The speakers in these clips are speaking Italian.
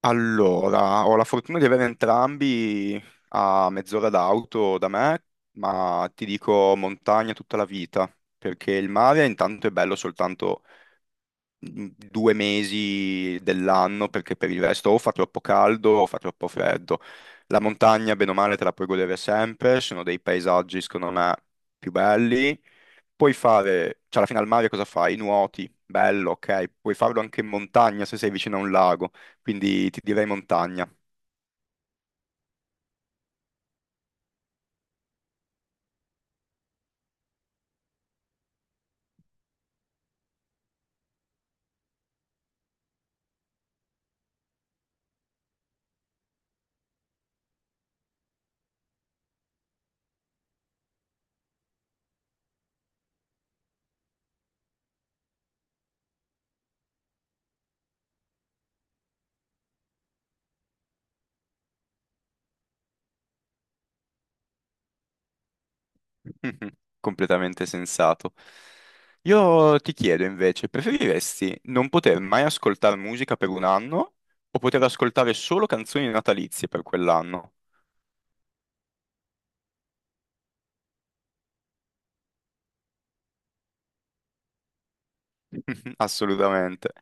Allora, ho la fortuna di avere entrambi a mezz'ora d'auto da me, ma ti dico montagna tutta la vita, perché il mare intanto è bello soltanto 2 mesi dell'anno, perché per il resto o fa troppo caldo o fa troppo freddo. La montagna, bene o male, te la puoi godere sempre, sono dei paesaggi, secondo me, più belli. Puoi fare, cioè alla fine al mare cosa fai? Nuoti, bello, ok, puoi farlo anche in montagna se sei vicino a un lago, quindi ti direi montagna. Mhm. Completamente sensato. Io ti chiedo invece, preferiresti non poter mai ascoltare musica per un anno o poter ascoltare solo canzoni natalizie per quell'anno? Assolutamente.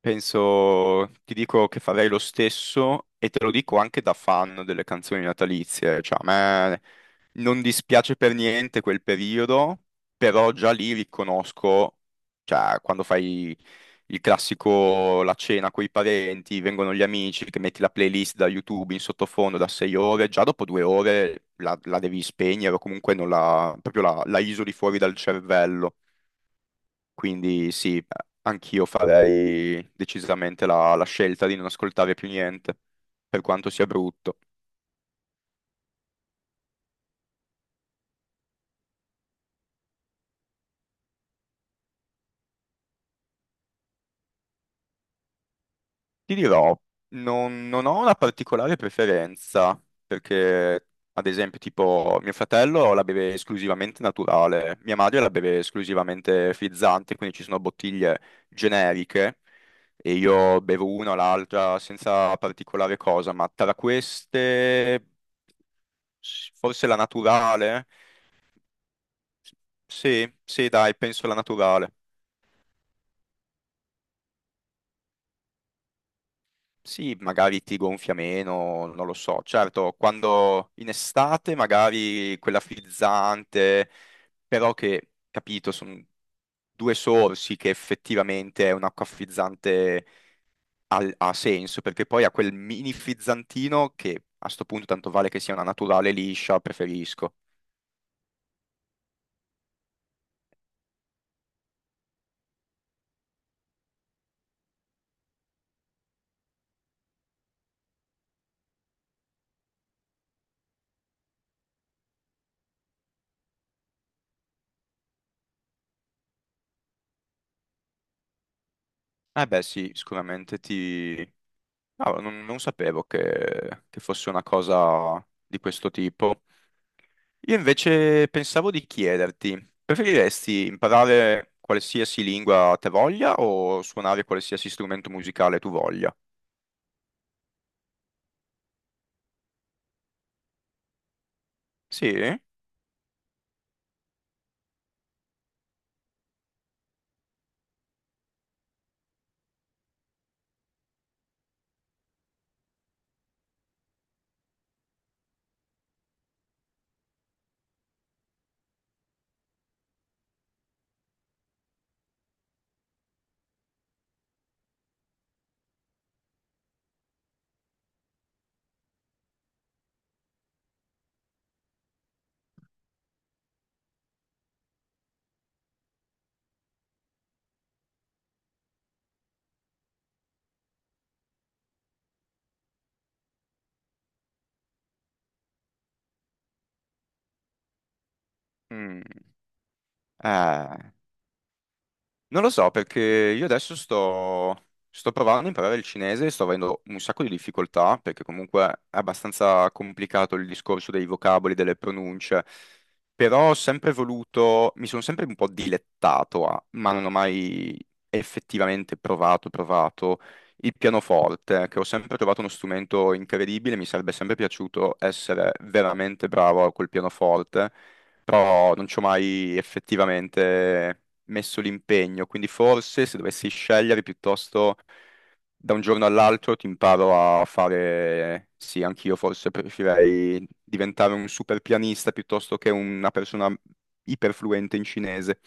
Penso, ti dico che farei lo stesso e te lo dico anche da fan delle canzoni natalizie, cioè a me non dispiace per niente quel periodo, però già lì riconosco, cioè quando fai il classico la cena con i parenti, vengono gli amici, che metti la playlist da YouTube in sottofondo da 6 ore, già dopo 2 ore la devi spegnere o comunque non la, proprio la isoli fuori dal cervello. Quindi sì, anch'io farei decisamente la scelta di non ascoltare più niente, per quanto sia brutto. Ti dirò, non ho una particolare preferenza, perché ad esempio tipo mio fratello la beve esclusivamente naturale, mia madre la beve esclusivamente frizzante, quindi ci sono bottiglie generiche e io bevo una o l'altra senza particolare cosa, ma tra queste forse la naturale. Sì, sì, dai, penso la naturale. Sì, magari ti gonfia meno, non lo so. Certo, quando in estate magari quella frizzante, però che, capito, sono due sorsi che effettivamente è un'acqua frizzante ha senso, perché poi ha quel mini frizzantino che a sto punto tanto vale che sia una naturale liscia, preferisco. Eh beh, sì, sicuramente ti... Ah, non sapevo che fosse una cosa di questo tipo. Io invece pensavo di chiederti, preferiresti imparare qualsiasi lingua te voglia o suonare qualsiasi strumento musicale tu voglia? Sì? Mm, eh, Non lo so perché io adesso sto provando a imparare il cinese e sto avendo un sacco di difficoltà perché comunque è abbastanza complicato il discorso dei vocaboli, delle pronunce, però ho sempre voluto, mi sono sempre un po' dilettato a, ma non ho mai effettivamente provato il pianoforte, che ho sempre trovato uno strumento incredibile, mi sarebbe sempre piaciuto essere veramente bravo col pianoforte, però non ci ho mai effettivamente messo l'impegno, quindi forse se dovessi scegliere piuttosto da un giorno all'altro ti imparo a fare, sì, anch'io forse preferirei diventare un super pianista piuttosto che una persona iperfluente in cinese.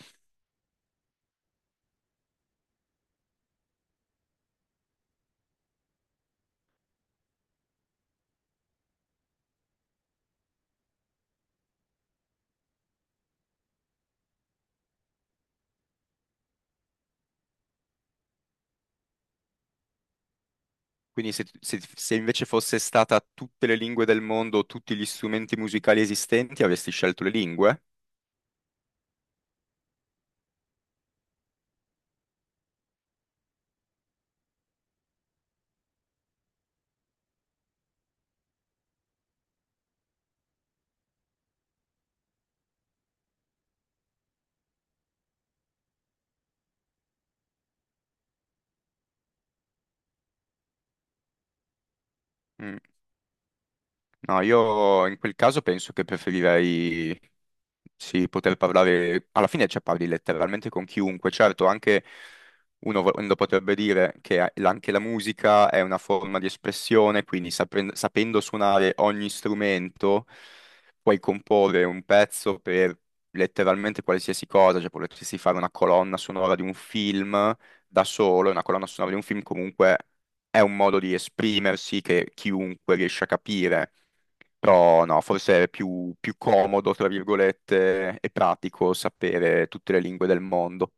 Quindi se invece fosse stata tutte le lingue del mondo, tutti gli strumenti musicali esistenti, avresti scelto le lingue? Mm. No, io in quel caso penso che preferirei sì, poter parlare, alla fine cioè, parli letteralmente con chiunque, certo, anche uno, uno potrebbe dire che anche la musica è una forma di espressione, quindi sapendo suonare ogni strumento puoi comporre un pezzo per letteralmente qualsiasi cosa, cioè potresti fare una colonna sonora di un film da solo, e una colonna sonora di un film comunque è un modo di esprimersi che chiunque riesce a capire. Però no, forse è più comodo, tra virgolette, e pratico sapere tutte le lingue del mondo.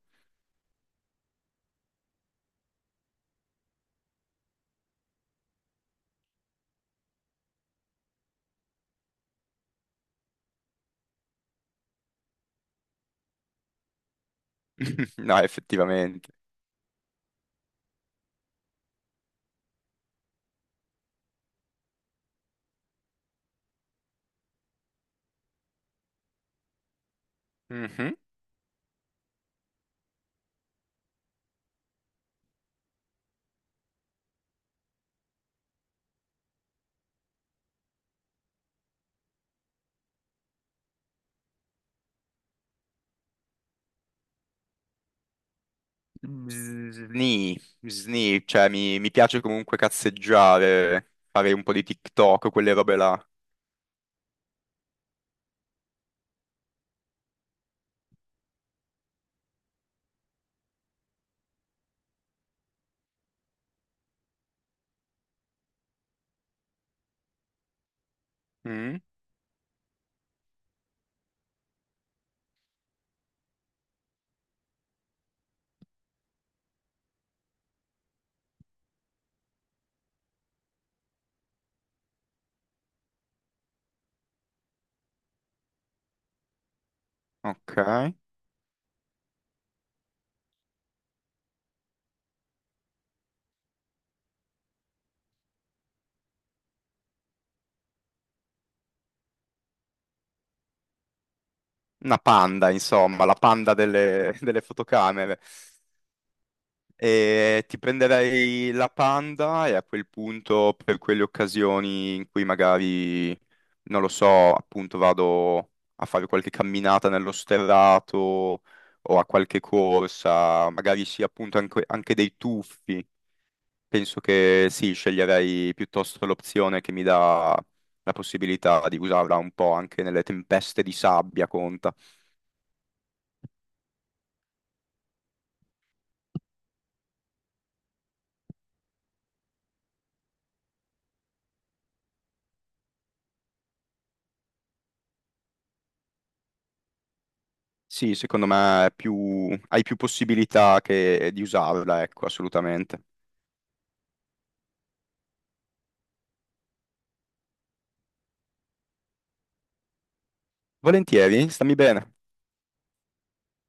No, effettivamente. Mhm. Sni, sni, cioè mi piace comunque cazzeggiare, fare un po' di TikTok, quelle robe là. Mm, ok. Una panda, insomma, la panda delle fotocamere. E ti prenderei la Panda e a quel punto, per quelle occasioni in cui magari, non lo so, appunto vado a fare qualche camminata nello sterrato o a qualche corsa, magari sì, appunto anche dei tuffi. Penso che sì, sceglierei piuttosto l'opzione che mi dà la possibilità di usarla un po' anche nelle tempeste di sabbia, conta. Sì, secondo me è hai più possibilità di usarla, ecco, assolutamente. Volentieri, stammi bene.